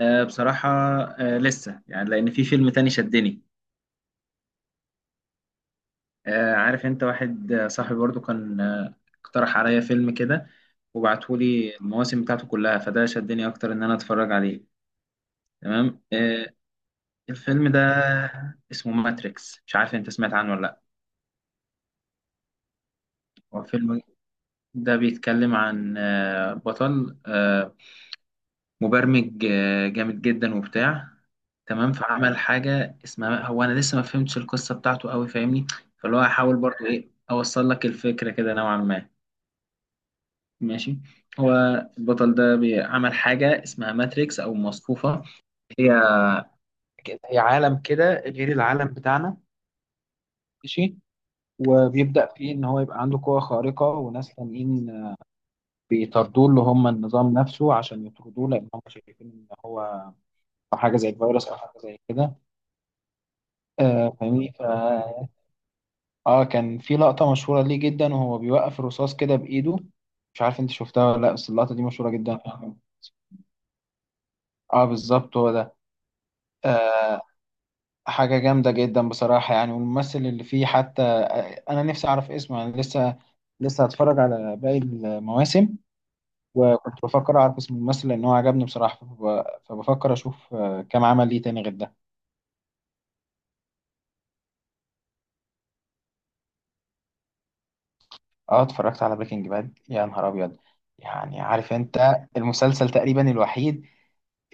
بصراحة. لسه يعني، لأن في فيلم تاني شدني. عارف أنت، واحد صاحبي برضو كان اقترح عليا فيلم كده، وبعتهولي المواسم بتاعته كلها، فده شدني أكتر إن أنا أتفرج عليه. تمام. الفيلم ده اسمه ماتريكس. مش عارف أنت سمعت عنه ولا لأ. هو الفيلم ده بيتكلم عن بطل مبرمج، جامد جدا وبتاع. تمام. فعمل حاجة اسمها، هو أنا لسه ما فهمتش القصة بتاعته قوي، فاهمني. فاللي هو هحاول برضو، إيه، أوصل لك الفكرة كده نوعا ما. ماشي. هو البطل ده عمل حاجة اسمها ماتريكس أو مصفوفة. هي هي عالم كده غير العالم بتاعنا. ماشي. وبيبدأ فيه إن هو يبقى عنده قوة خارقة، وناس تانيين بيطاردوه اللي هم النظام نفسه، عشان يطردوه لأن هم شايفين إن هو حاجة زي الفيروس أو حاجة زي كده. فاهمني. ف اه كان في لقطة مشهورة ليه جدا، وهو بيوقف الرصاص كده بإيده. مش عارف انت شفتها ولا لا، بس اللقطة دي مشهورة جدا. اه، بالظبط هو ده. آه حاجة جامدة جدا بصراحة يعني، والممثل اللي فيه حتى، أنا نفسي أعرف اسمه يعني. لسه هتفرج على باقي المواسم، وكنت بفكر أعرف اسم الممثل لأن هو عجبني بصراحة. فبفكر أشوف كام عمل ليه تاني غير ده. اه، اتفرجت على بريكنج باد، يا نهار أبيض. يعني عارف أنت، المسلسل تقريبا الوحيد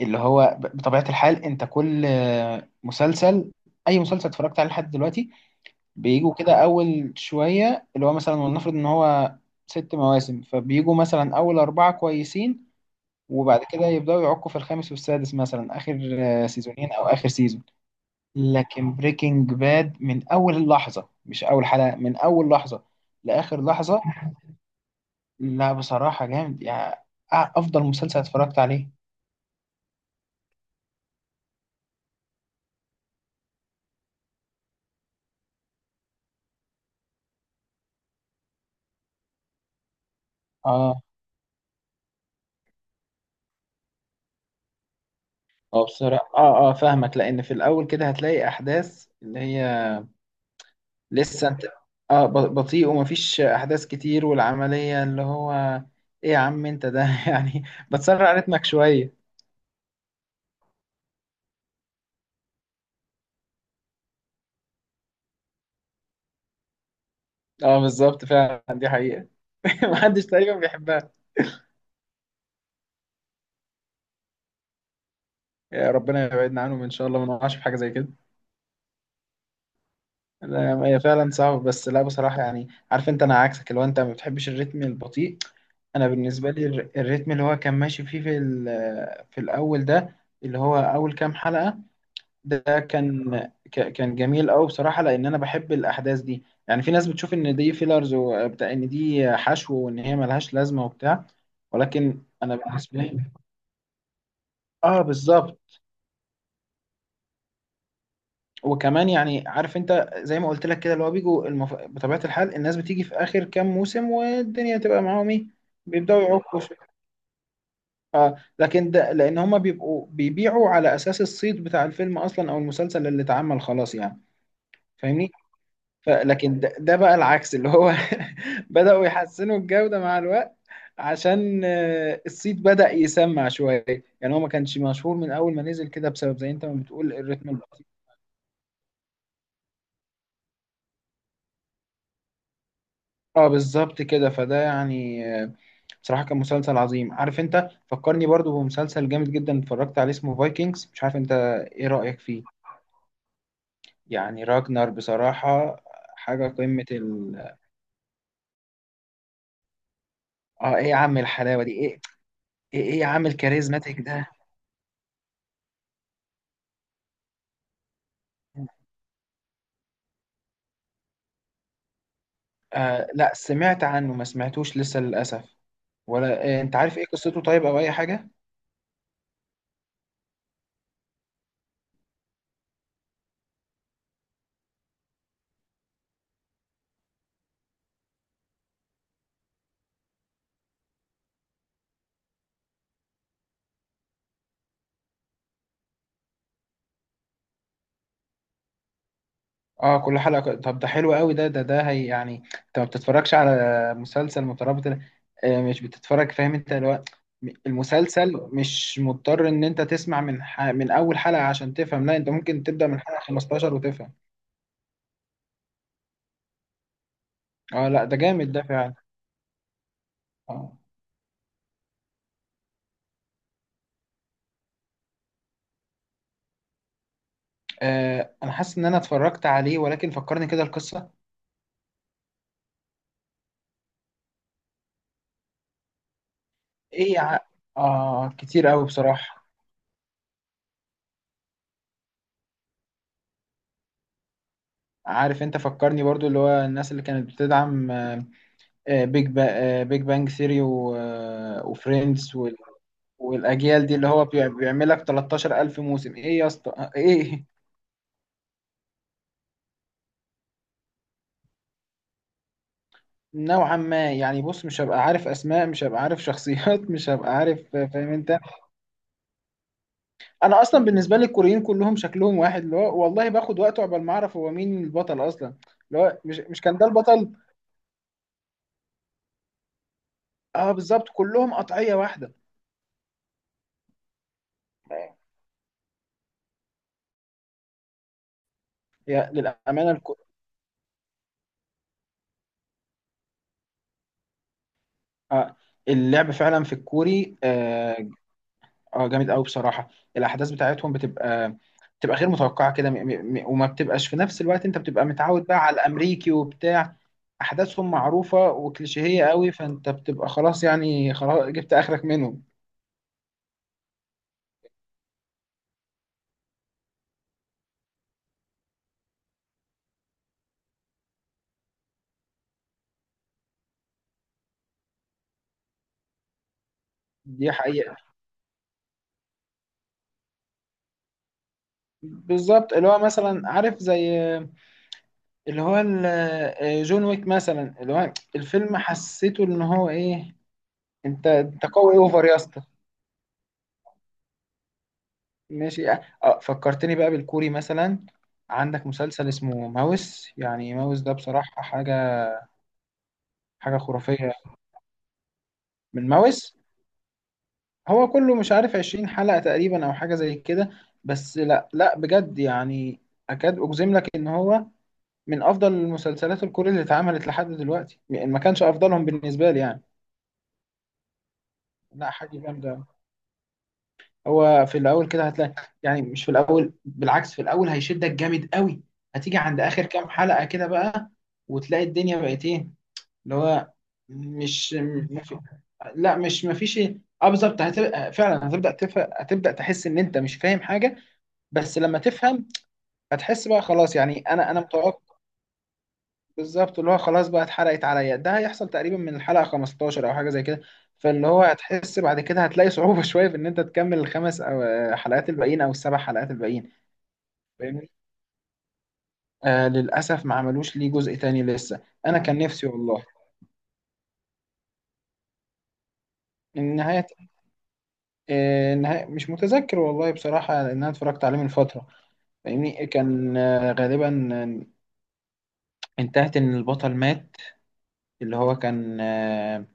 اللي هو بطبيعة الحال، انت كل مسلسل، اي مسلسل اتفرجت عليه لحد دلوقتي، بيجوا كده اول شوية. اللي هو مثلا ولنفرض ان هو ست مواسم، فبيجوا مثلا اول اربعة كويسين، وبعد كده يبدأوا يعكوا في الخامس والسادس، مثلا اخر سيزونين او اخر سيزون. لكن بريكنج باد من اول لحظة، مش اول حلقة، من اول لحظة لاخر لحظة. لا، بصراحة جامد يعني. افضل مسلسل اتفرجت عليه. اه اه بصراحة، فاهمك. لأن في الأول كده هتلاقي أحداث اللي هي لسه أنت، بطيء ومفيش أحداث كتير، والعملية اللي هو، إيه يا عم أنت ده يعني، بتسرع رتمك شوية. اه بالظبط، فعلا دي حقيقة. محدش تقريبا بيحبها. يا ربنا يبعدنا عنهم إن شاء الله، ما نقعش في حاجة زي كده. لا، هي فعلا صعبة، بس لا بصراحة يعني. عارف أنت، أنا عكسك، اللي هو أنت ما بتحبش الريتم البطيء. أنا بالنسبة لي الريتم اللي هو كان ماشي فيه في في الأول ده، اللي هو أول كام حلقة، ده كان، كان جميل قوي بصراحه، لان انا بحب الاحداث دي يعني. في ناس بتشوف ان دي فيلرز وبتاع، ان دي حشو وان هي ملهاش لازمه وبتاع، ولكن انا بالنسبه لي، اه بالظبط. وكمان يعني عارف انت، زي ما قلت لك كده، اللي هو بيجوا بطبيعه الحال الناس بتيجي في اخر كام موسم، والدنيا تبقى معاهم ايه، بيبداوا يعكوا شوية. اه، لكن ده لان هما بيبقوا بيبيعوا على اساس الصيت بتاع الفيلم اصلا، او المسلسل اللي اتعمل خلاص يعني، فاهمني. لكن ده بقى العكس اللي هو بدأوا يحسنوا الجودة مع الوقت، عشان الصيت بدأ يسمع شوية. يعني هو ما كانش مشهور من أول ما نزل كده، بسبب زي أنت ما بتقول، الريتم البطيء. اه بالظبط كده، فده يعني بصراحة كان مسلسل عظيم. عارف أنت، فكرني برضو بمسلسل جامد جدا اتفرجت عليه اسمه فايكنجز. مش عارف أنت إيه رأيك فيه. يعني راجنر، بصراحة حاجة قمة ال اه إيه يا عم الحلاوة دي؟ إيه يا عم الكاريزماتيك ده. لا، سمعت عنه، ما سمعتوش لسه للأسف. ولا انت عارف ايه قصته طيب، او اي حاجة؟ اه كل حلقة؟ طب ده حلو قوي. ده هي يعني، انت ما بتتفرجش على مسلسل مترابط. مش بتتفرج، فاهم انت المسلسل مش مضطر ان انت تسمع من من اول حلقة عشان تفهم. لا، انت ممكن تبدأ من حلقة 15 وتفهم. اه لا، ده جامد ده فعلا. اه انا حاسس ان انا اتفرجت عليه، ولكن فكرني كده القصة. ايه يا ع... اه، كتير قوي بصراحة. عارف انت، فكرني برضو اللي هو الناس اللي كانت بتدعم، آه، بيج با بيج بانج ثيري، وفريندز، والاجيال دي، اللي هو بيعمل لك 13,000 موسم. ايه يا اسطى، ايه؟ نوعا ما يعني. بص، مش هبقى عارف اسماء، مش هبقى عارف شخصيات، مش هبقى عارف، فاهم انت. انا اصلا بالنسبه لي الكوريين كلهم شكلهم واحد، اللي هو والله باخد وقت عقبال ما اعرف هو مين البطل اصلا، اللي هو مش مش كان ده البطل. اه بالظبط، كلهم قطعيه واحده. يا للأمانة. آه، اللعب فعلا في الكوري، جامد قوي بصراحه. الاحداث بتاعتهم بتبقى غير متوقعه كده، وما بتبقاش في نفس الوقت انت بتبقى متعود بقى على الامريكي وبتاع، احداثهم معروفه وكليشيهيه قوي، فانت بتبقى خلاص يعني، خلاص جبت اخرك منهم. دي حقيقه. بالظبط، اللي هو مثلا عارف زي اللي هو جون ويك مثلا، اللي هو الفيلم حسيته ان هو ايه. انت قوي اوفر يا اسطى. ماشي. فكرتني بقى بالكوري مثلا. عندك مسلسل اسمه ماوس. يعني ماوس ده بصراحة حاجة، حاجة خرافية. من ماوس، هو كله مش عارف عشرين حلقة تقريبا، أو حاجة زي كده. بس لا، لا بجد يعني، أكاد أجزم لك إن هو من أفضل المسلسلات الكورية اللي اتعملت لحد دلوقتي يعني. ما كانش أفضلهم بالنسبة لي يعني. لا، حاجة جامدة. هو في الاول كده هتلاقي، يعني مش في الاول، بالعكس في الاول هيشدك جامد قوي. هتيجي عند اخر كام حلقة كده بقى، وتلاقي الدنيا بقت ايه، اللي هو مش مفي... لا مش مفيش ايه. اه بالظبط، هتبقى فعلا، هتبدا تحس ان انت مش فاهم حاجه. بس لما تفهم هتحس بقى خلاص يعني. انا متوقع. بالظبط، اللي هو خلاص بقى، اتحرقت عليا. ده هيحصل تقريبا من الحلقة 15 او حاجة زي كده. فاللي هو هتحس بعد كده، هتلاقي صعوبة شوية في ان انت تكمل الخمس او آه، حلقات الباقيين، او السبع حلقات الباقيين. فاهمني. للاسف ما عملوش ليه جزء تاني لسه، انا كان نفسي والله. النهاية، النهاية مش متذكر والله بصراحة، لان انا اتفرجت عليه من فترة. فاهمني، كان غالبا انتهت ان البطل مات. اللي هو كان آه،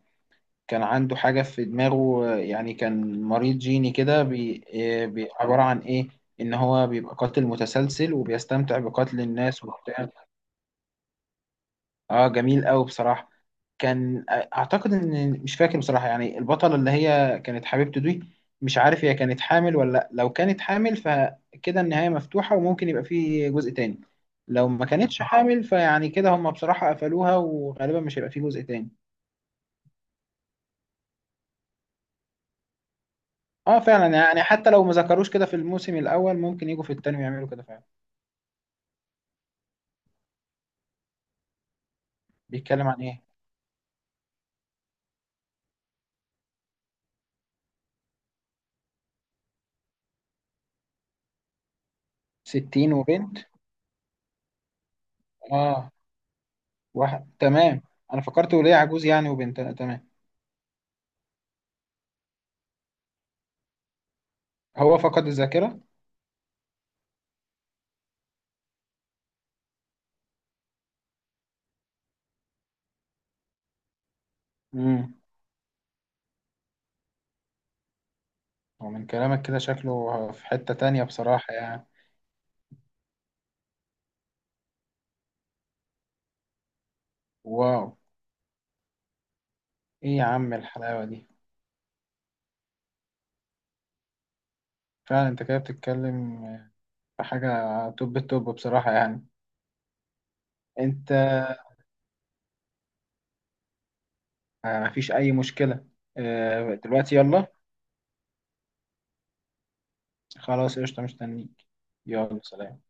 كان عنده حاجة في دماغه، يعني كان مريض جيني كده، عبارة عن إيه؟ إن هو بيبقى قاتل متسلسل وبيستمتع بقتل الناس وبتاع. جميل أوي بصراحة. كان أعتقد إن، مش فاكر بصراحة يعني، البطلة اللي هي كانت حبيبته دي، مش عارف هي كانت حامل ولا لأ. لو كانت حامل فكده النهاية مفتوحة وممكن يبقى فيه جزء تاني. لو ما كانتش حامل فيعني كده، هم بصراحة قفلوها وغالبا مش هيبقى فيه جزء تاني. اه فعلا يعني، حتى لو ما ذكروش كده في الموسم الاول، ممكن يجوا في التاني ويعملوا كده فعلا. بيتكلم عن ايه؟ 60 وبنت؟ اه، واحد، تمام. انا فكرت وليه عجوز يعني، وبنت. لا، تمام. هو فقد الذاكرة. امم ومن كلامك كده شكله في حتة تانية بصراحة يعني. واو، ايه يا عم الحلاوة دي. فعلا انت كده بتتكلم في حاجة، توب التوب بصراحة يعني. انت، مفيش اي مشكلة. دلوقتي، يلا. خلاص قشطة، مستنيك. يلا، سلام.